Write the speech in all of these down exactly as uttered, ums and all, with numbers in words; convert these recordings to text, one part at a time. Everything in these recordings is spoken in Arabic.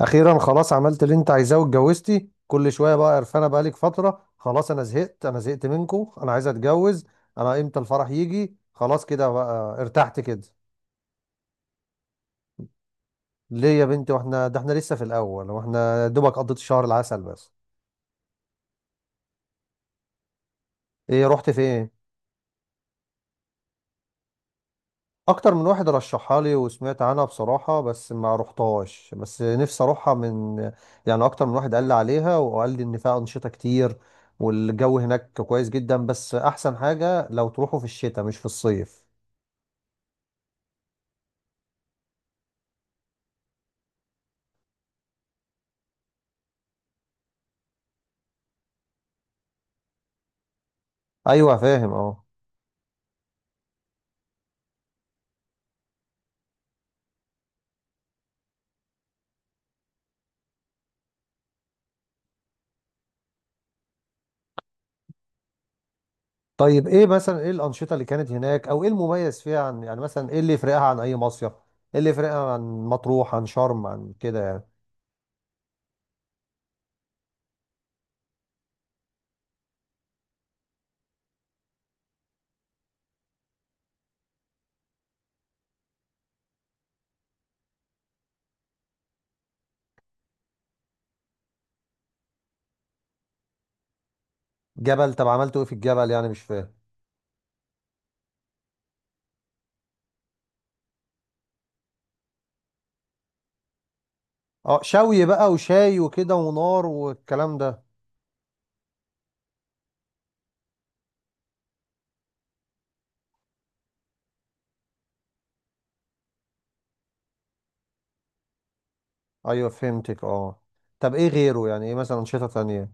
اخيرا خلاص عملت اللي انت عايزاه واتجوزتي كل شويه بقى قرفانه بقالك فتره. خلاص انا زهقت انا زهقت منكم، انا عايز اتجوز. انا امتى الفرح يجي؟ خلاص كده بقى ارتحت كده. ليه يا بنتي؟ واحنا ده احنا لسه في الاول، واحنا دوبك قضيت شهر العسل بس. ايه، رحت فين؟ اكتر من واحد رشحها لي وسمعت عنها بصراحة، بس ما رحتهاش، بس نفسي اروحها. من يعني اكتر من واحد قال لي عليها وقال لي ان فيها انشطة كتير، والجو هناك كويس جدا، بس احسن حاجة لو تروحوا في الشتاء مش في الصيف. ايوه فاهم اه. طيب ايه مثلا ايه الانشطة اللي كانت هناك، او ايه المميز فيها، عن يعني مثلا ايه اللي يفرقها عن اي مصيف؟ ايه اللي يفرقها عن مطروح، عن شرم، عن كده يعني؟ جبل طب عملتوا ايه في الجبل يعني؟ مش فاهم. اه شوي بقى وشاي وكده ونار والكلام ده. ايوه فهمتك اه. طب ايه غيره؟ يعني ايه مثلا انشطه تانية؟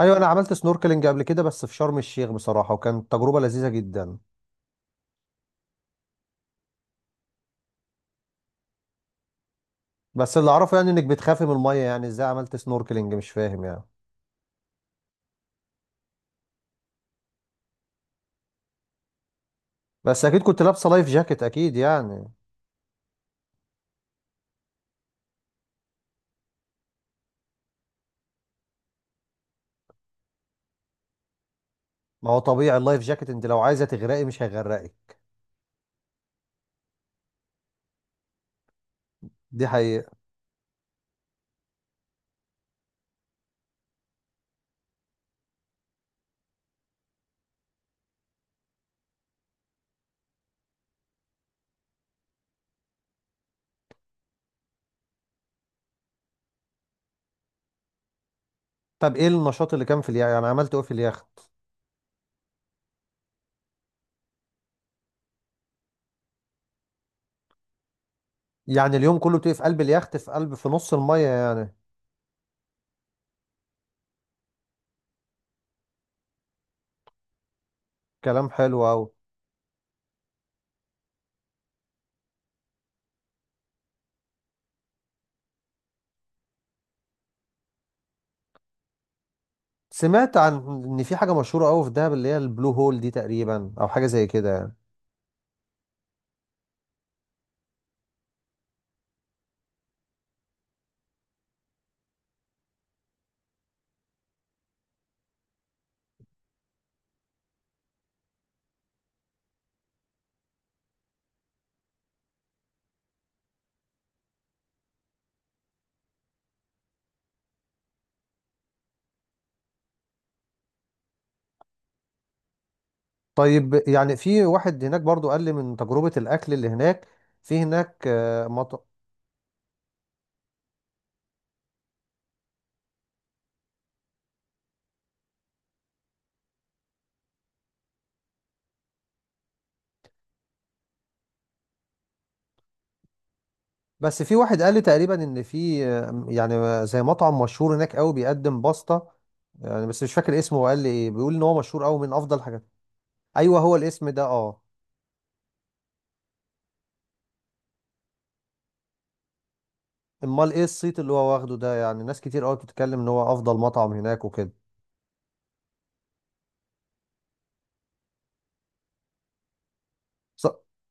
ايوه انا عملت سنوركلينج قبل كده بس في شرم الشيخ بصراحه، وكانت تجربه لذيذه جدا. بس اللي اعرفه يعني انك بتخافي من الميه، يعني ازاي عملت سنوركلينج؟ مش فاهم يعني. بس اكيد كنت لابسه لايف جاكيت اكيد يعني. ما هو طبيعي، اللايف جاكيت انت لو عايزه تغرقي مش هيغرقك. دي حقيقه. طب ايه النشاط اللي كان في اليخت؟ يعني عملت ايه في اليخت؟ يعني اليوم كله بتبقي في قلب اليخت، في قلب في نص الميه يعني؟ كلام حلو قوي. سمعت عن ان في حاجه مشهوره قوي في دهب، اللي هي البلو هول دي تقريبا، او حاجه زي كده يعني. طيب، يعني في واحد هناك برضو قال لي من تجربه الاكل اللي هناك. في هناك آه، مط... بس في واحد قال لي تقريبا ان في آه، يعني زي مطعم مشهور هناك قوي بيقدم باستا يعني، بس مش فاكر اسمه، وقال لي ايه، بيقول ان هو مشهور قوي، من افضل حاجات. ايوه هو الاسم ده اه. امال ايه الصيت اللي هو واخده ده يعني؟ ناس كتير قوي بتتكلم ان هو افضل مطعم هناك وكده. ص-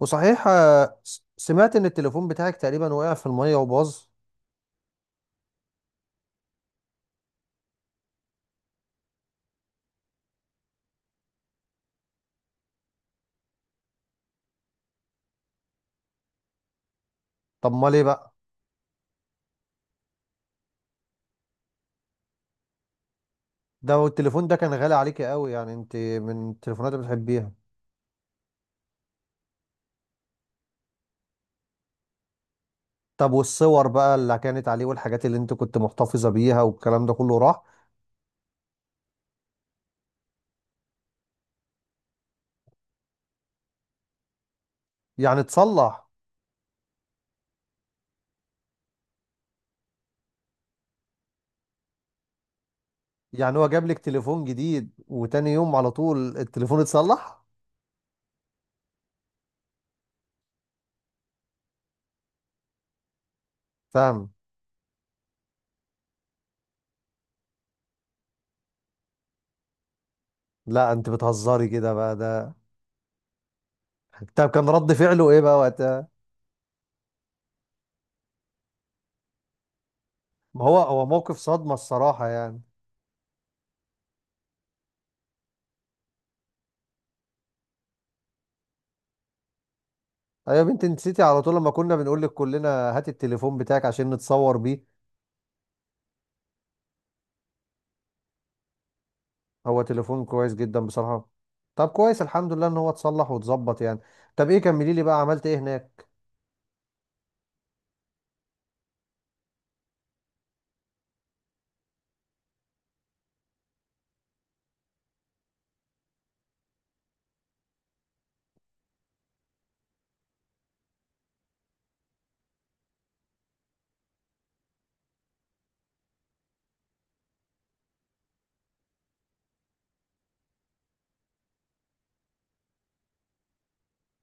وصحيح، آه، س- سمعت ان التليفون بتاعك تقريبا وقع في المية وباظ؟ طب ما ليه بقى؟ ده التليفون ده كان غالي عليك قوي يعني؟ انت من التليفونات اللي بتحبيها؟ طب والصور بقى اللي كانت عليه، والحاجات اللي انت كنت محتفظة بيها، والكلام ده كله راح؟ يعني اتصلح؟ يعني هو جاب لك تليفون جديد، وتاني يوم على طول التليفون اتصلح؟ فاهم. لا انت بتهزري كده بقى ده. طب كان رد فعله ايه بقى وقتها؟ ما هو هو موقف صدمة الصراحة يعني. ايوه يا بنتي، انت نسيتي على طول لما كنا بنقول لك كلنا. هات التليفون بتاعك عشان نتصور بيه. هو تليفون كويس جدا بصراحة. طب كويس، الحمد لله ان هو اتصلح واتظبط يعني. طب ايه، كملي لي بقى عملت ايه هناك.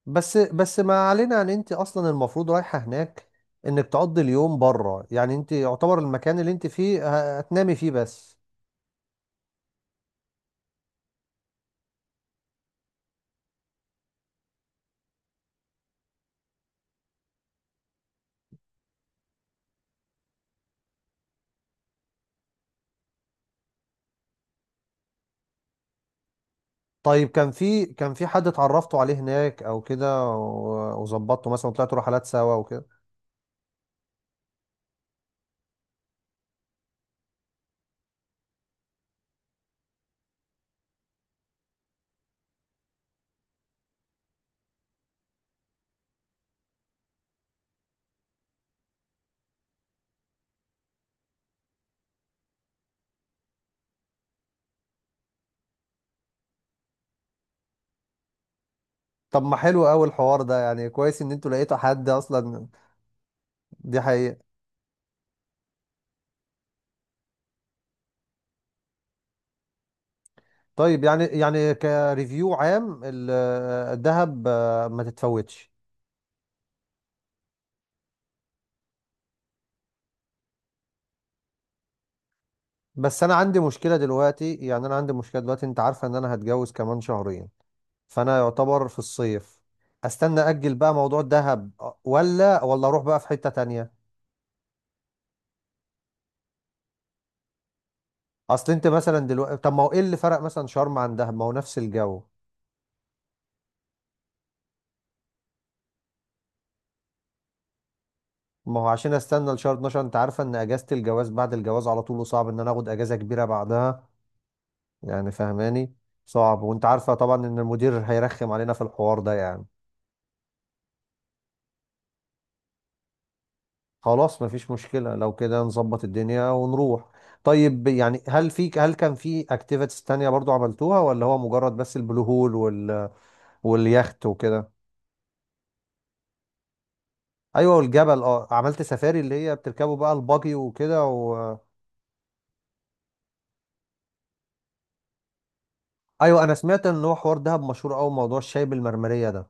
بس بس ما علينا، ان انت اصلا المفروض رايحة هناك انك تقضي اليوم بره، يعني انت يعتبر المكان اللي انت فيه ه- هتنامي فيه بس. طيب كان في، كان في حد اتعرفتوا عليه هناك او كده، و- وظبطتوا مثلا طلعتوا رحلات سوا وكده؟ طب ما حلو قوي الحوار ده يعني، كويس ان انتوا لقيتوا حد اصلا. دي حقيقة. طيب يعني، يعني كريفيو عام ال- الذهب آه، ما تتفوتش. بس انا عندي مشكله دلوقتي، يعني انا عندي مشكله دلوقتي انت عارفه ان انا هتجوز كمان شهرين، فانا يعتبر في الصيف. استنى اجل بقى موضوع الذهب آه، ولا، ولا اروح بقى في حته تانية؟ اصل انت مثلا دلوقتي، طب ما هو ايه اللي فرق مثلا شرم عن دهب؟ ما هو نفس الجو. ما هو عشان استنى لشهر اتناشر، انت عارفه ان اجازه الجواز بعد الجواز على طول، وصعب ان انا اخد اجازه كبيره بعدها. يعني فهماني؟ صعب. وانت عارفة طبعا ان المدير هيرخم علينا في الحوار ده يعني. خلاص مفيش مشكلة، لو كده نظبط الدنيا ونروح. طيب يعني هل في هل كان في اكتيفيتيز تانية برضو عملتوها، ولا هو مجرد بس البلو هول وال... واليخت وكده؟ ايوه والجبل اه. عملت سفاري اللي هي بتركبوا بقى البuggy وكده و... ايوه انا سمعت ان هو حوار دهب مشهور قوي موضوع الشاي بالمرمرية ده.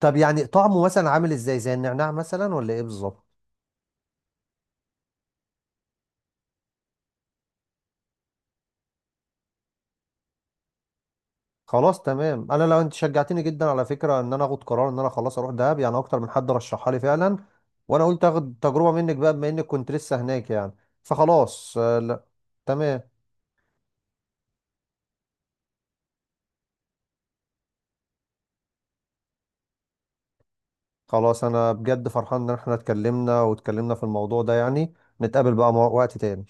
طب يعني طعمه مثلا عامل ازاي؟ زي النعناع مثلا، ولا ايه بالظبط؟ خلاص تمام، انا لو انت شجعتني جدا على فكره ان انا اخد قرار ان انا خلاص اروح دهب، يعني اكتر من حد رشحها لي فعلا، وانا قلت اخد تجربه منك بقى بما انك كنت لسه هناك يعني. فخلاص آه، لا. تمام. خلاص انا بجد فرحان ان احنا اتكلمنا واتكلمنا في الموضوع ده يعني. نتقابل بقى مع- وقت تاني.